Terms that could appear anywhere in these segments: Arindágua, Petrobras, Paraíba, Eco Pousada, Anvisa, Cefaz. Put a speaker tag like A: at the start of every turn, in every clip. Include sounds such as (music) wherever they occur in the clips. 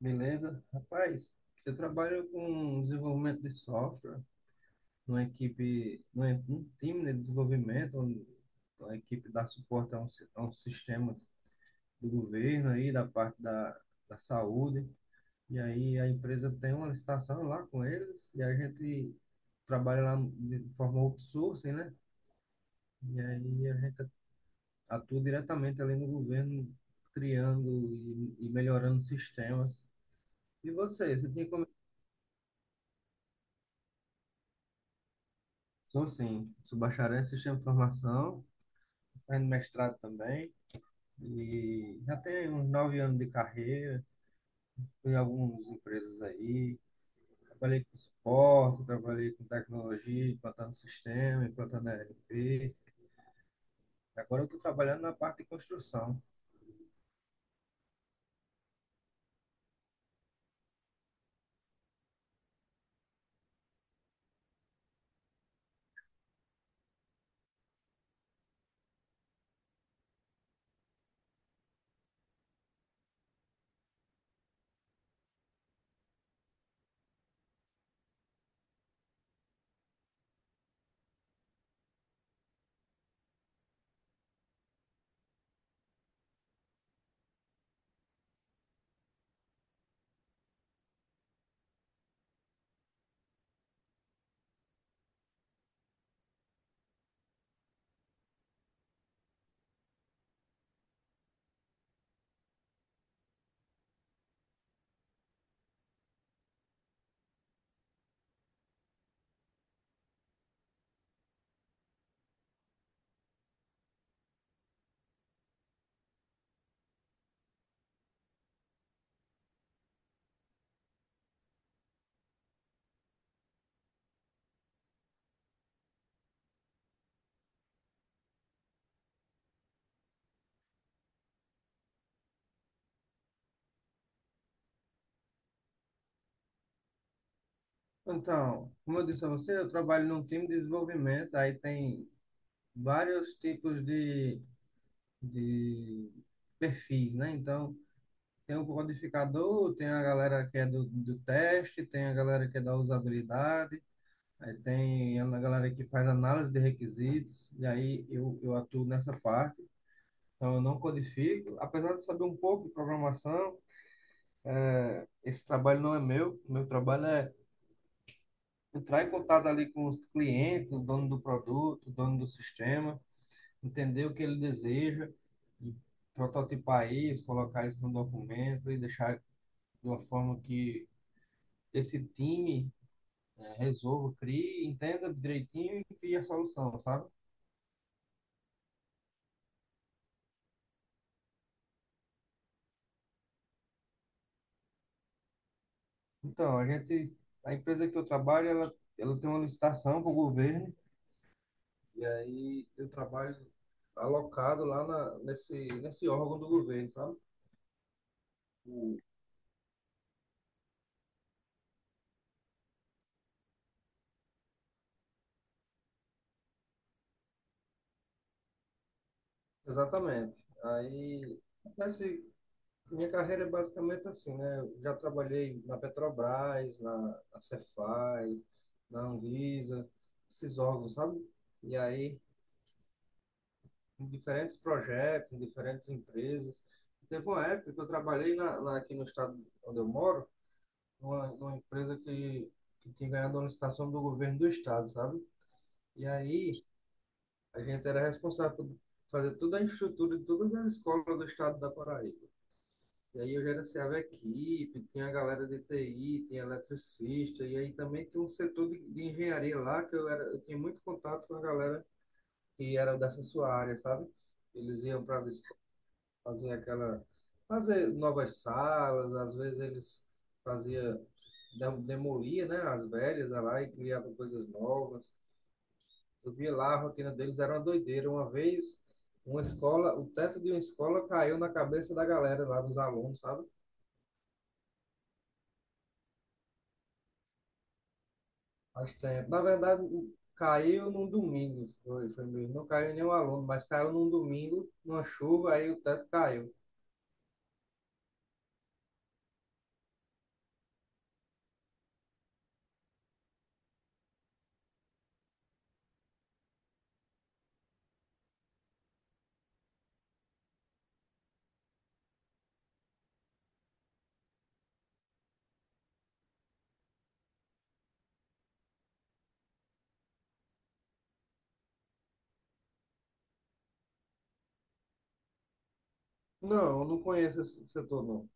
A: Beleza? Rapaz, eu trabalho com desenvolvimento de software numa equipe, num time de desenvolvimento, onde a equipe dá suporte a uns sistemas do governo aí, da saúde. E aí a empresa tem uma licitação lá com eles e a gente trabalha lá de forma outsourcing, né? E aí a gente atua diretamente ali no governo, criando e melhorando sistemas. E você tinha. Sou sim, sou bacharel em sistema de informação, tô fazendo mestrado também, e já tenho uns 9 anos de carreira, fui em algumas empresas aí, trabalhei com suporte, trabalhei com tecnologia, implantando sistema, implantando ERP, agora eu estou trabalhando na parte de construção. Então, como eu disse a você, eu trabalho num time de desenvolvimento, aí tem vários tipos de perfis, né? Então, tem o codificador, tem a galera que é do teste, tem a galera que é da usabilidade, aí tem a galera que faz análise de requisitos, e aí eu atuo nessa parte. Então eu não codifico, apesar de saber um pouco de programação, esse trabalho não é meu, meu trabalho é entrar em contato ali com os clientes, o dono do produto, o dono do sistema, entender o que ele deseja, e prototipar isso, colocar isso no documento e deixar de uma forma que esse time, né? Resolva, crie, entenda direitinho e crie a solução, sabe? Então, a gente, a empresa que eu trabalho, ela tem uma licitação para o governo, e aí eu trabalho alocado nesse órgão do governo, sabe? O- Exatamente. Aí, nesse, minha carreira é basicamente assim, né? Eu já trabalhei na Petrobras, na Cefaz, na Anvisa, esses órgãos, sabe? E aí, em diferentes projetos, em diferentes empresas. Teve uma época que eu trabalhei na, lá aqui no estado onde eu moro, numa empresa que tinha ganhado uma licitação do governo do estado, sabe? E aí a gente era responsável por fazer toda a infraestrutura de todas as escolas do estado da Paraíba. E aí eu gerenciava a equipe, tinha a galera de TI, tinha eletricista, e aí também tinha um setor de engenharia lá, que eu, era, eu tinha muito contato com a galera que era dessa sua área, sabe? Eles iam para as fazer aquela, fazer novas salas, às vezes eles fazia demolia, né, as velhas lá e criava coisas novas. Eu via lá a rotina deles era uma doideira. Uma vez uma escola, o teto de uma escola caiu na cabeça da galera lá dos alunos, sabe? Faz tempo. Na verdade, caiu num domingo, foi mesmo. Não caiu nenhum aluno, mas caiu num domingo, numa chuva, aí o teto caiu. Não, eu não conheço esse setor, não.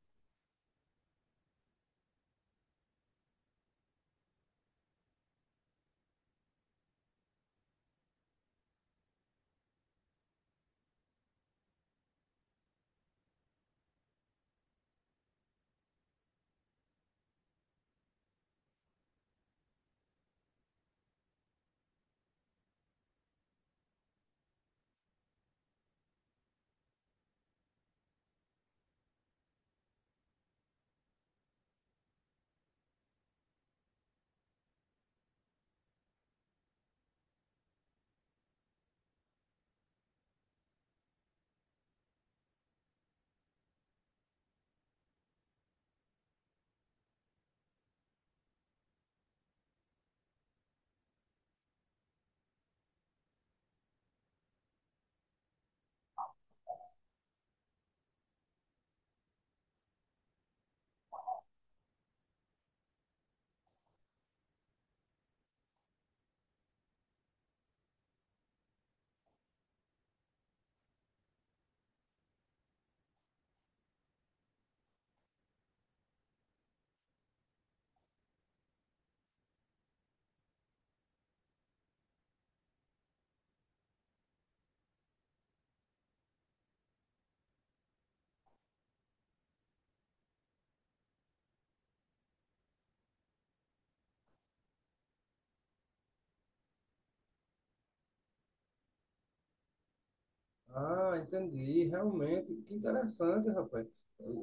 A: Ah, entendi. Realmente, que interessante, rapaz.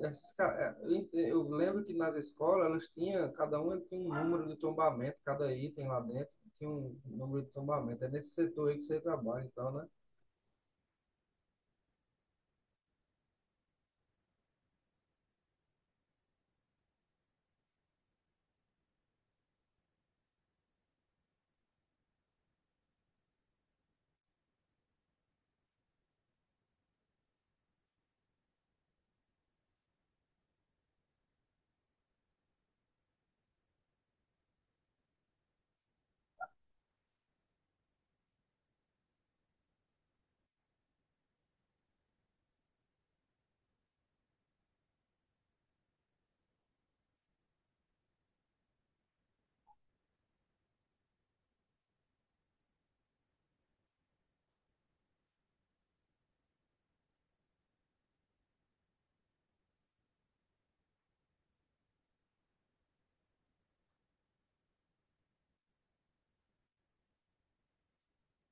A: Essas ca- Eu eu lembro que nas escolas elas tinham, cada uma tinha um número de tombamento, cada item lá dentro tinha um número de tombamento. É nesse setor aí que você trabalha, então, né?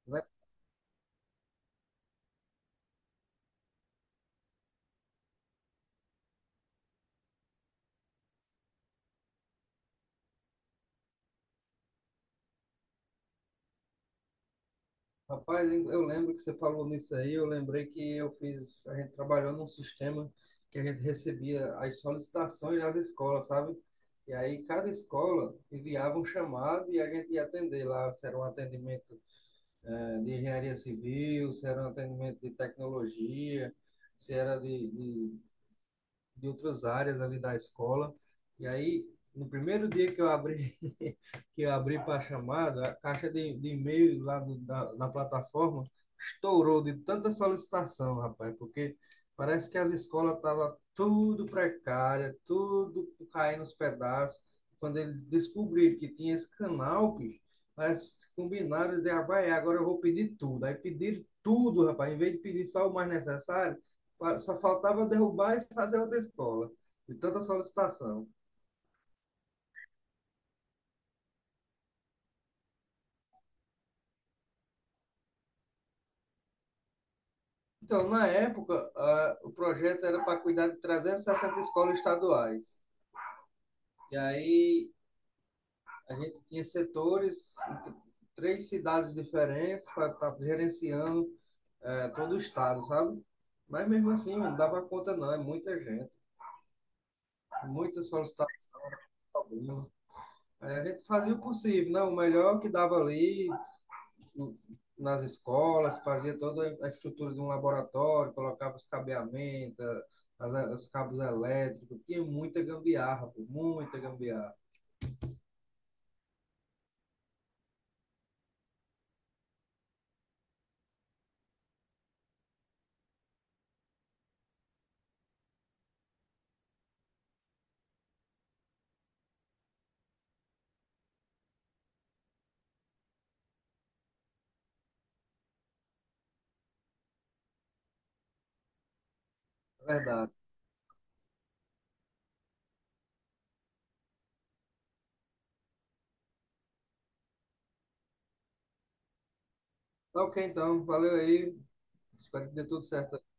A: Le- Rapaz, eu lembro que você falou nisso aí, eu lembrei que eu fiz, a gente trabalhou num sistema que a gente recebia as solicitações das escolas, sabe? E aí cada escola enviava um chamado e a gente ia atender lá, se era um atendimento eh, de engenharia civil, se era um atendimento de tecnologia, se era de outras áreas ali da escola. E aí, no primeiro dia que eu abri, (laughs) que eu abri para a chamada, a caixa de e-mail lá da plataforma estourou de tanta solicitação, rapaz, porque parece que as escolas estavam tudo precária, tudo caindo nos pedaços. Quando eles descobriram que tinha esse canal, bicho, mas combinaram de, ah, vai, agora eu vou pedir tudo. Aí pediram tudo, rapaz, em vez de pedir só o mais necessário, só faltava derrubar e fazer outra escola, de tanta solicitação. Então, na época, ah, o projeto era para cuidar de 360 escolas estaduais. E aí a gente tinha setores, 3 cidades diferentes, para estar gerenciando todo o estado, sabe? Mas mesmo assim, não dava conta, não. É muita gente, muita solicitação. Aí a gente fazia o possível, né? O melhor que dava ali, nas escolas, fazia toda a estrutura de um laboratório, colocava os cabeamentos, os cabos elétricos, tinha muita gambiarra, pô, muita gambiarra, verdade. Tá ok, então, valeu aí, espero que dê tudo certo aí.